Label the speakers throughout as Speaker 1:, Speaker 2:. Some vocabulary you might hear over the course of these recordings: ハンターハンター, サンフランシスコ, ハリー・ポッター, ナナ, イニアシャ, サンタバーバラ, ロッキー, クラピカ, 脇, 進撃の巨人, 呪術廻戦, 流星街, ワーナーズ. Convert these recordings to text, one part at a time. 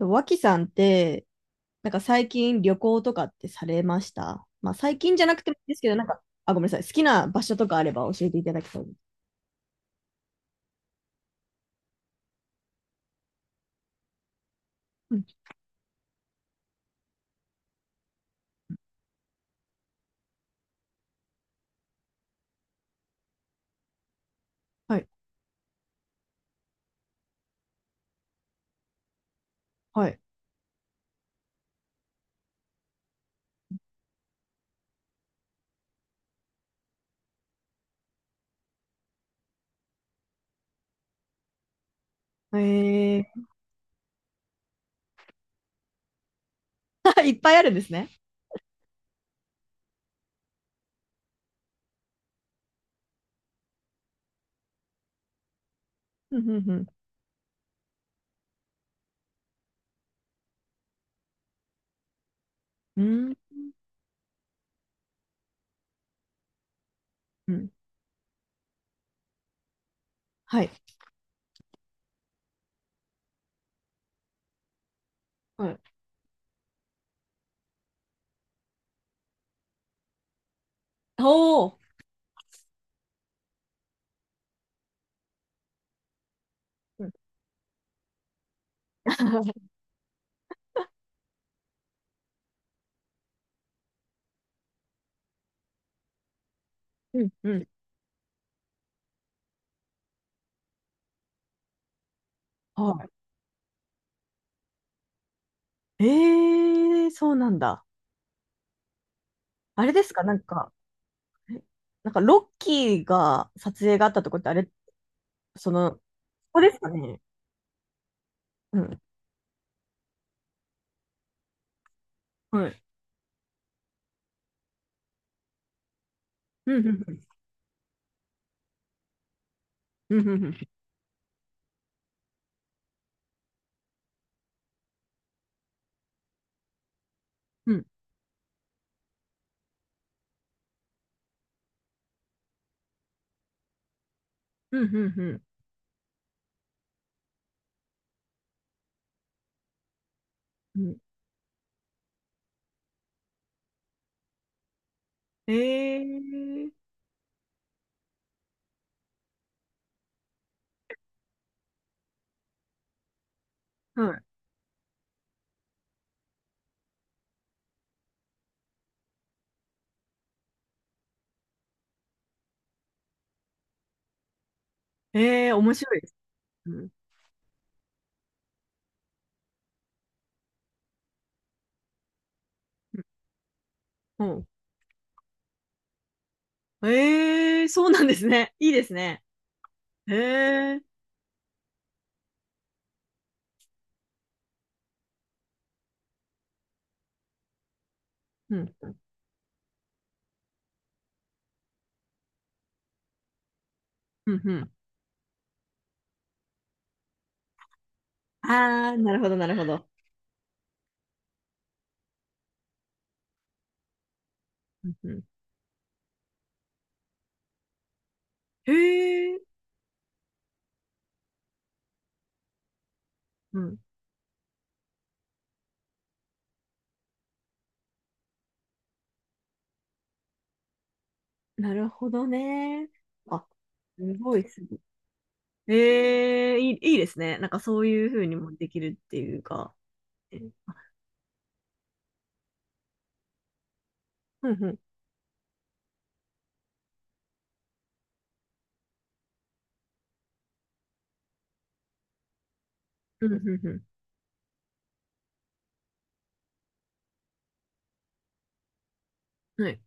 Speaker 1: 脇さんって、なんか最近旅行とかってされました？まあ最近じゃなくてもいいですけど、なんか、あ、ごめんなさい。好きな場所とかあれば教えていただきたいです。うん。はい。はい。えー、いっぱいあるんですね。うん、うん、うん。うん、うん。はい。はい。おー。うん、うん、うん。はい。えー、そうなんだ。あれですかなんか、えなんかロッキーが撮影があったとこってあれ、その、ここですかね？うん。はい。うん、うん、うん、うん、うん。うんうん、うん、うん。うんえー、はい。えー、面白いです。うん。うん。うんそうなんですね。いいですね。えー、うん。うん、うん。あー、なるほど、なるほど。うん、うん。えー、うん。なるほどね。あ、すごい、すごい。ええ、いい、いいですね。なんかそういうふうにもできるっていうか。えーあうん、うん。うん、うん、うん。はい、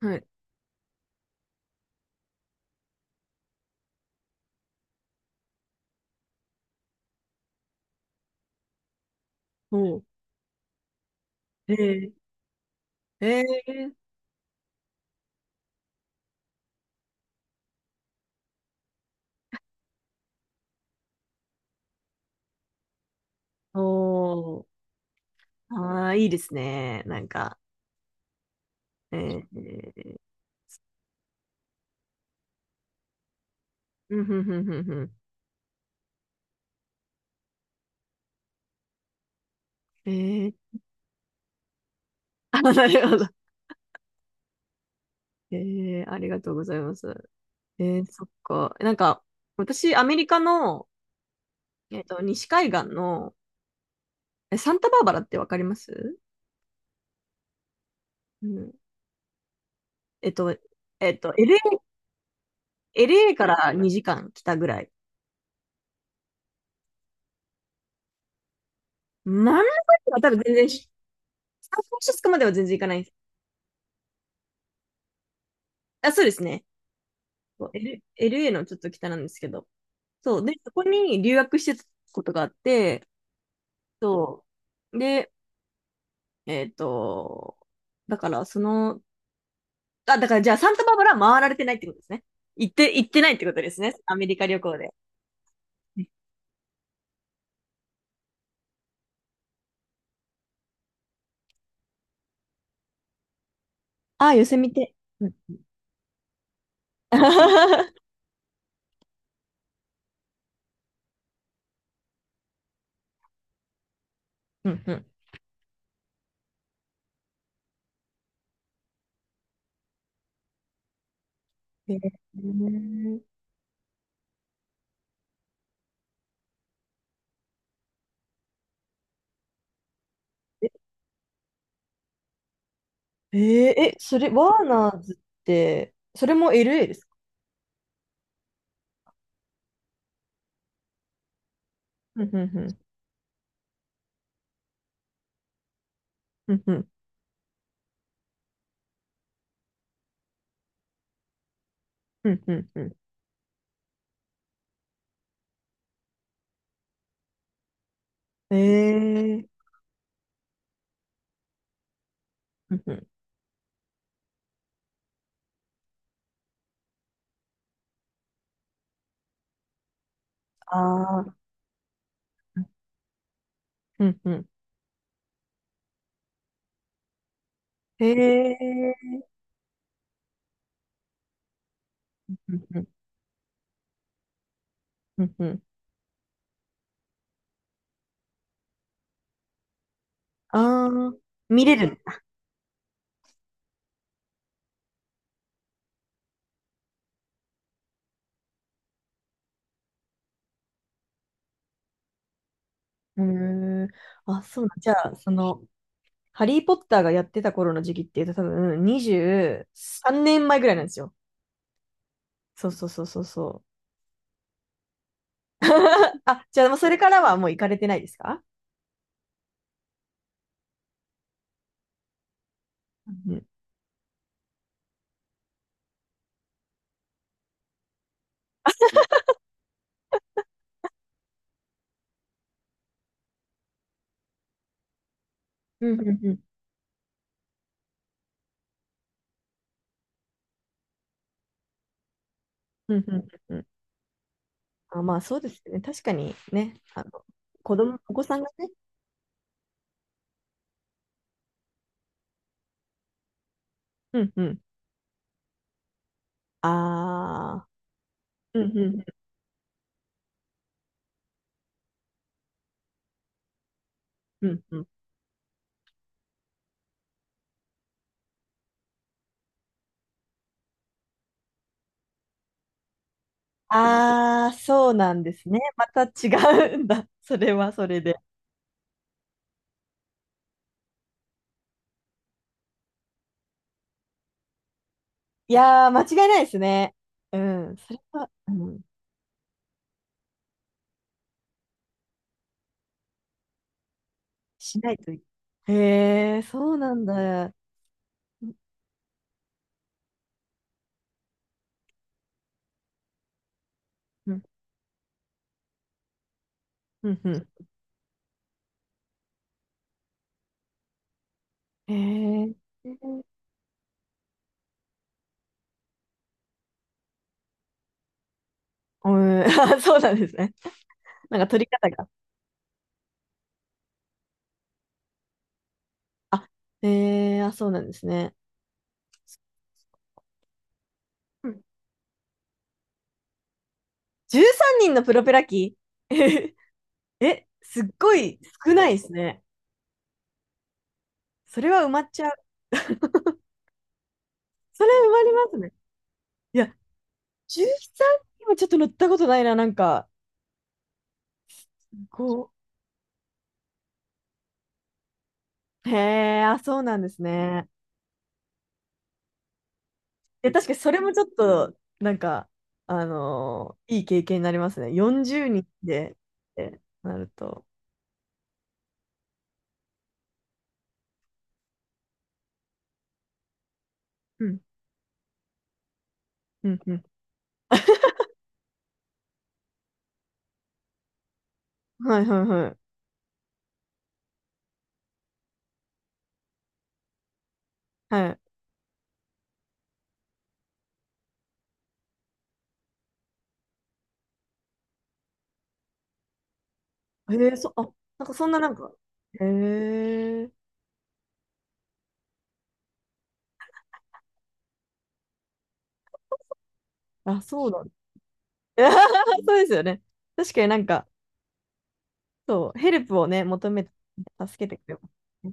Speaker 1: はい。おう。ええええおああ、いいですね。なんか、えー、えーうん、ふんふんふんふん。えー、あ、なるほど。えー、ありがとうございます。えー、そっか。なんか、私、アメリカの、西海岸の、サンタバーバラってわかります？うん。えっと、LA、エルエーから2時間来たぐらい。真ん中には多分全然サンフランシスコまでは全然行かない。あ、そうですね。そう L、エ a のちょっと北なんですけど。そう。で、そこに留学してたことがあって、そう。で、えっと、だからその、あ、だからじゃあサンタバーバラは回られてないってことですね。行って、行ってないってことですね。アメリカ旅行で。ああ、寄せ見て。うん。うんうん。へええーえ、それ、ワーナーズって、それも LA ですか？うんうんうん。うんうん。うんうんうん。えー。うんうん。ああ。うんうん。へえ。うんうん。うんうん。ああ。見れる。へえ。あ、そうなん。じゃあ、その、ハリー・ポッターがやってた頃の時期っていうと多分23年前ぐらいなんですよ。そうそうそうそうそう。あ、じゃあ、もうそれからはもう行かれてないですか？うん。うん、うん、うん。うん、うん、うん。あ、まあ、そうですね。確かにね、子供、お子さんがね。うん、うん。ああ。うん、うん、うん、うん。ああー、そうなんですね。また違うんだ。それはそれで。いやー、間違いないですね。うん。それは、うん、しないといけない。へえ、そうなんだ。うんうん、うん、うん。へえ、うん、あ、そうなんですね。なんか取り方が。あ、へえ、あ、そうなんですね。うん。13人のプロペラ機。 え、すっごい少ないですね。それは埋まっちゃう。それ埋まりますね。いや、13人はちょっと乗ったことないな、なんか。こう。へえ、あ、そうなんですね。で、確かにそれもちょっと、なんか、いい経験になりますね。40人で、ってなると。うん、うん、うん。はい、はい、はい。はい。へえ、そ、あ、なんかそんななんか、へえ、あ、そうなんだ。そうですよね。確かになんか、そう、ヘルプをね、求めて、助けてくれますね。